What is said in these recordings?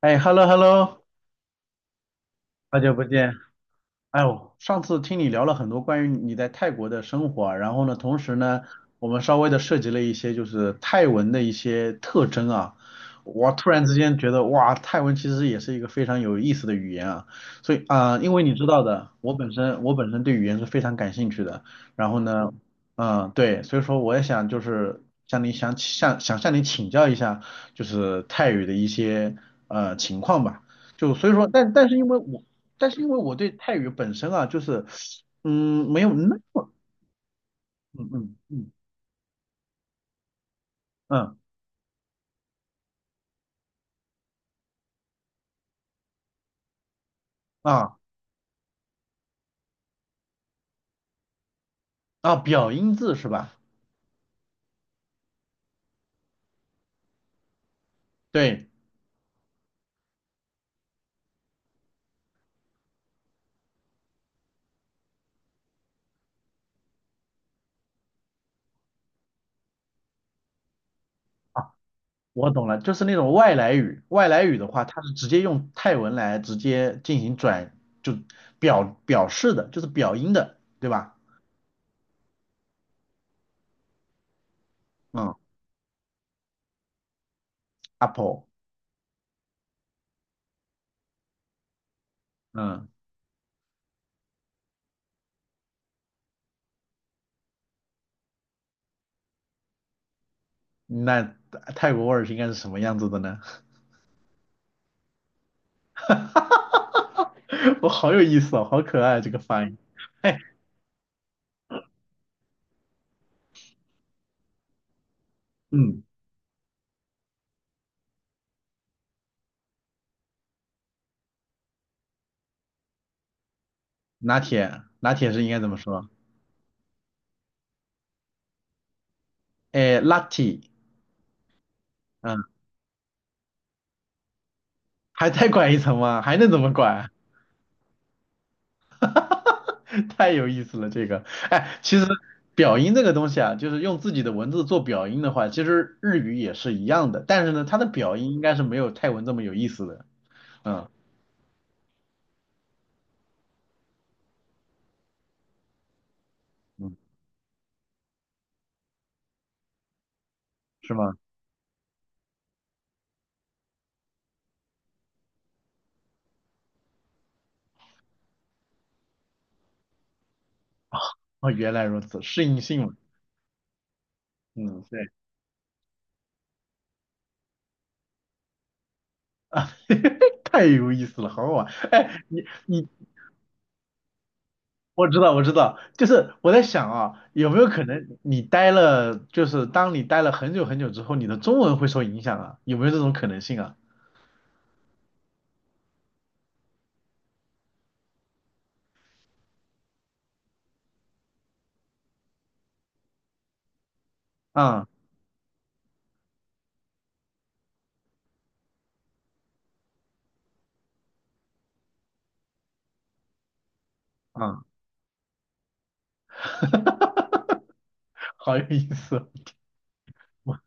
哎，hello hello，好久不见。哎呦，上次听你聊了很多关于你在泰国的生活啊，然后呢，同时呢，我们稍微的涉及了一些就是泰文的一些特征啊。我突然之间觉得，哇，泰文其实也是一个非常有意思的语言啊。所以啊，因为你知道的，我本身对语言是非常感兴趣的。然后呢，嗯，对，所以说我也想就是向你想向想向你请教一下，就是泰语的一些情况吧。就所以说，但是因为我但是因为我对泰语本身啊，就是嗯，没有那么嗯嗯嗯嗯啊啊表音字是吧？对，我懂了，就是那种外来语，外来语的话，它是直接用泰文来直接进行转，就表示的，就是表音的，对吧？嗯，apple，嗯，那泰国味儿是应该是什么样子的呢？我好有意思哦，好可爱啊这个发音。哎，嗯，拿铁，拿铁是应该怎么说？哎，Lucky，嗯，还再拐一层吗？还能怎么拐？太有意思了，这个。哎，其实表音这个东西啊，就是用自己的文字做表音的话，其实日语也是一样的，但是呢，它的表音应该是没有泰文这么有意思的。嗯嗯，是吗？哦，原来如此，适应性嘛。嗯，对啊，太有意思了，好好玩。哎，你我知道，我知道，就是我在想啊，有没有可能你待了，就是当你待了很久很久之后，你的中文会受影响啊？有没有这种可能性啊？嗯嗯，好有意思哦，我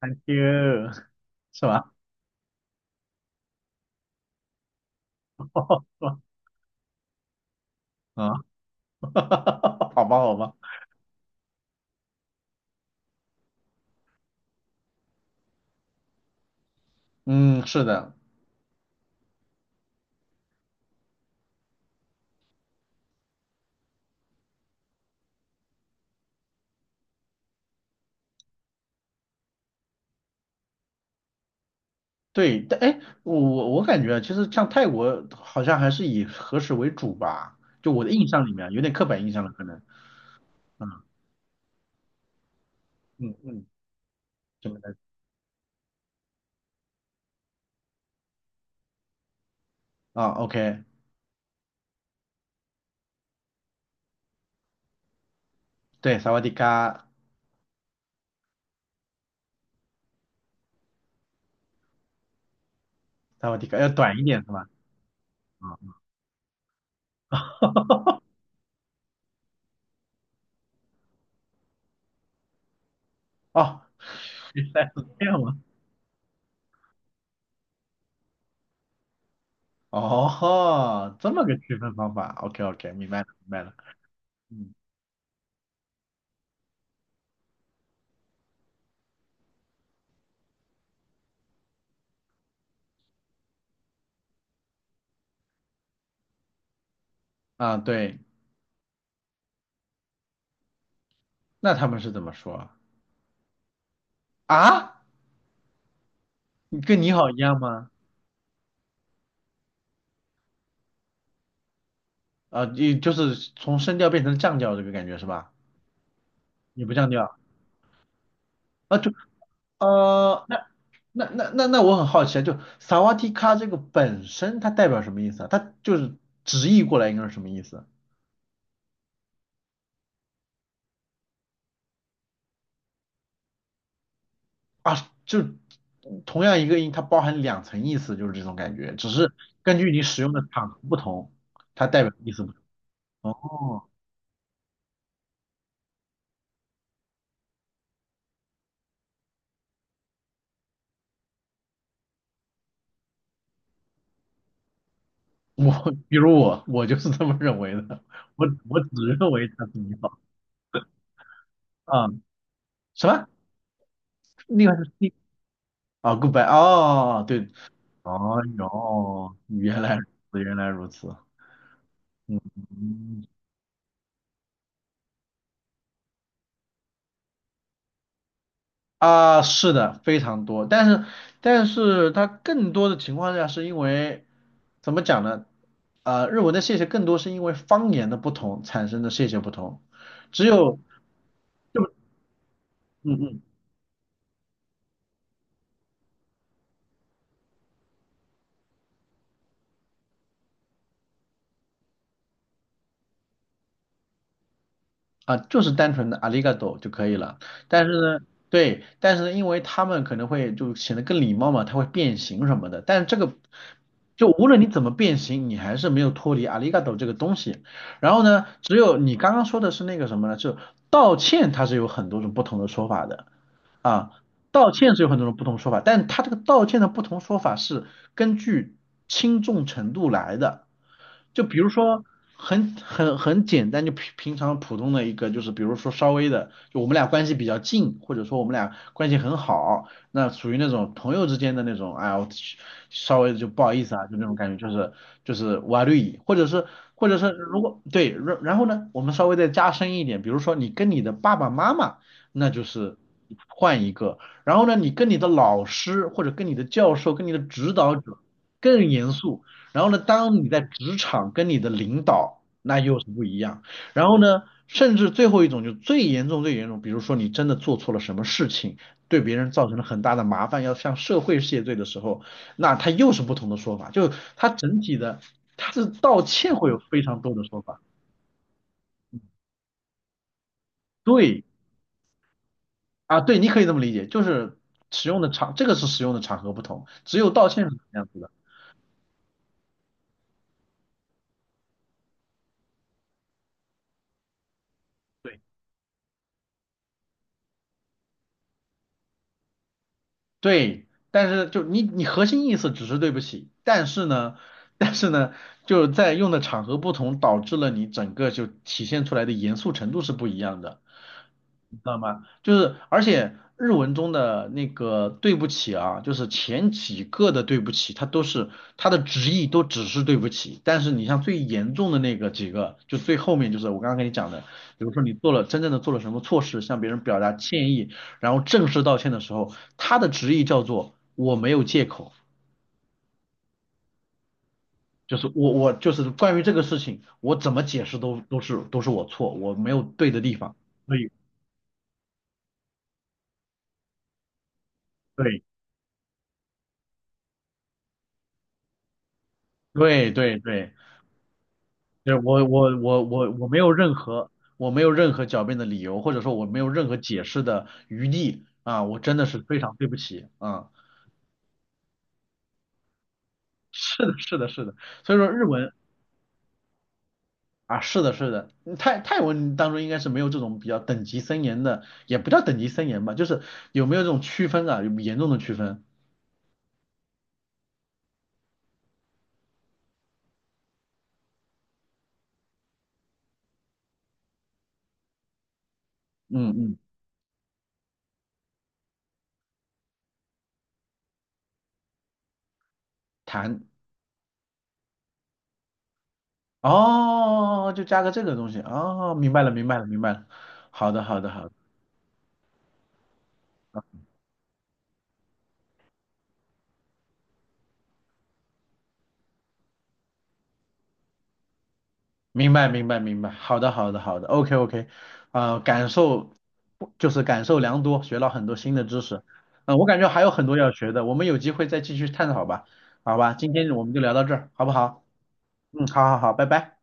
thank you，是吧？是吧？啊，好吧，好吧，嗯，是的，对，但哎，我感觉啊其实像泰国好像还是以和食为主吧，就我的印象里面啊，有点刻板印象了，可能，啊嗯嗯嗯，怎么的啊？OK。对，萨瓦迪卡，萨瓦迪卡要短一点是吧？啊、哦，原来是这样吗？哦，这么个区分方法，OK OK，明白了明白了。嗯啊，对，那他们是怎么说啊？你跟你好一样吗？啊，你就是从升调变成降调这个感觉是吧？你不降调啊，就，那那我很好奇啊，就萨瓦迪卡这个本身它代表什么意思啊？它就是直译过来应该是什么意思？啊，就同样一个音，它包含两层意思，就是这种感觉，只是根据你使用的场合不同，它代表的意思不同。哦，我比如我，我就是这么认为的，我只认为它是你好啊，什么？另外是 C 啊，goodbye 哦，对，哦哟，原来如此，原来如此，嗯。啊，是的，非常多，但是但是它更多的情况下是因为怎么讲呢？呃，日文的谢谢更多是因为方言的不同产生的谢谢不同，只有就嗯嗯啊，就是单纯的 arigato 就可以了。但是呢，对，但是呢，因为他们可能会就显得更礼貌嘛，它会变形什么的。但是这个就无论你怎么变形，你还是没有脱离 arigato 这个东西。然后呢，只有你刚刚说的是那个什么呢？就道歉，它是有很多种不同的说法的。啊，道歉是有很多种不同说法，但他这个道歉的不同说法是根据轻重程度来的。就比如说很简单，就平常普通的一个，就是比如说稍微的，就我们俩关系比较近，或者说我们俩关系很好，那属于那种朋友之间的那种，哎呀，我稍微就不好意思啊，就那种感觉，就是就是瓦绿蚁，或者是如果对，然后呢，我们稍微再加深一点，比如说你跟你的爸爸妈妈。那就是换一个。然后呢，你跟你的老师或者跟你的教授、跟你的指导者更严肃。然后呢，当你在职场跟你的领导，那又是不一样。然后呢，甚至最后一种就最严重、最严重，比如说你真的做错了什么事情，对别人造成了很大的麻烦，要向社会谢罪的时候，那他又是不同的说法。就他整体的，他是道歉会有非常多的说法。对。啊，对，你可以这么理解，就是使用的场，这个是使用的场合不同，只有道歉是这样子的。对，对，但是就你核心意思只是对不起，但是呢，但是呢，就是在用的场合不同，导致了你整个就体现出来的严肃程度是不一样的。你知道吗？就是而且日文中的那个对不起啊，就是前几个的对不起，它都是它的直译都只是对不起，但是你像最严重的那个几个，就最后面就是我刚刚跟你讲的，比如说你做了真正的做了什么错事，向别人表达歉意，然后正式道歉的时候，它的直译叫做我没有借口。就是我就是关于这个事情，我怎么解释都是我错，我没有对的地方。对对，对对对，就是我没有任何我没有任何狡辩的理由，或者说我没有任何解释的余地啊，我真的是非常对不起啊，是的，是的，是的，所以说日文啊，是的，是的，嗯泰文当中应该是没有这种比较等级森严的，也不叫等级森严吧，就是有没有这种区分啊，有严重的区分，嗯嗯，谈哦，就加个这个东西哦，明白了，明白了，明白了，好的，好的，好的。明白，明白，明白。好的，好的，好的。OK，OK。啊，感受就是感受良多，学到很多新的知识。嗯、我感觉还有很多要学的，我们有机会再继续探讨吧。好吧，今天我们就聊到这儿，好不好？嗯，好好好，拜拜。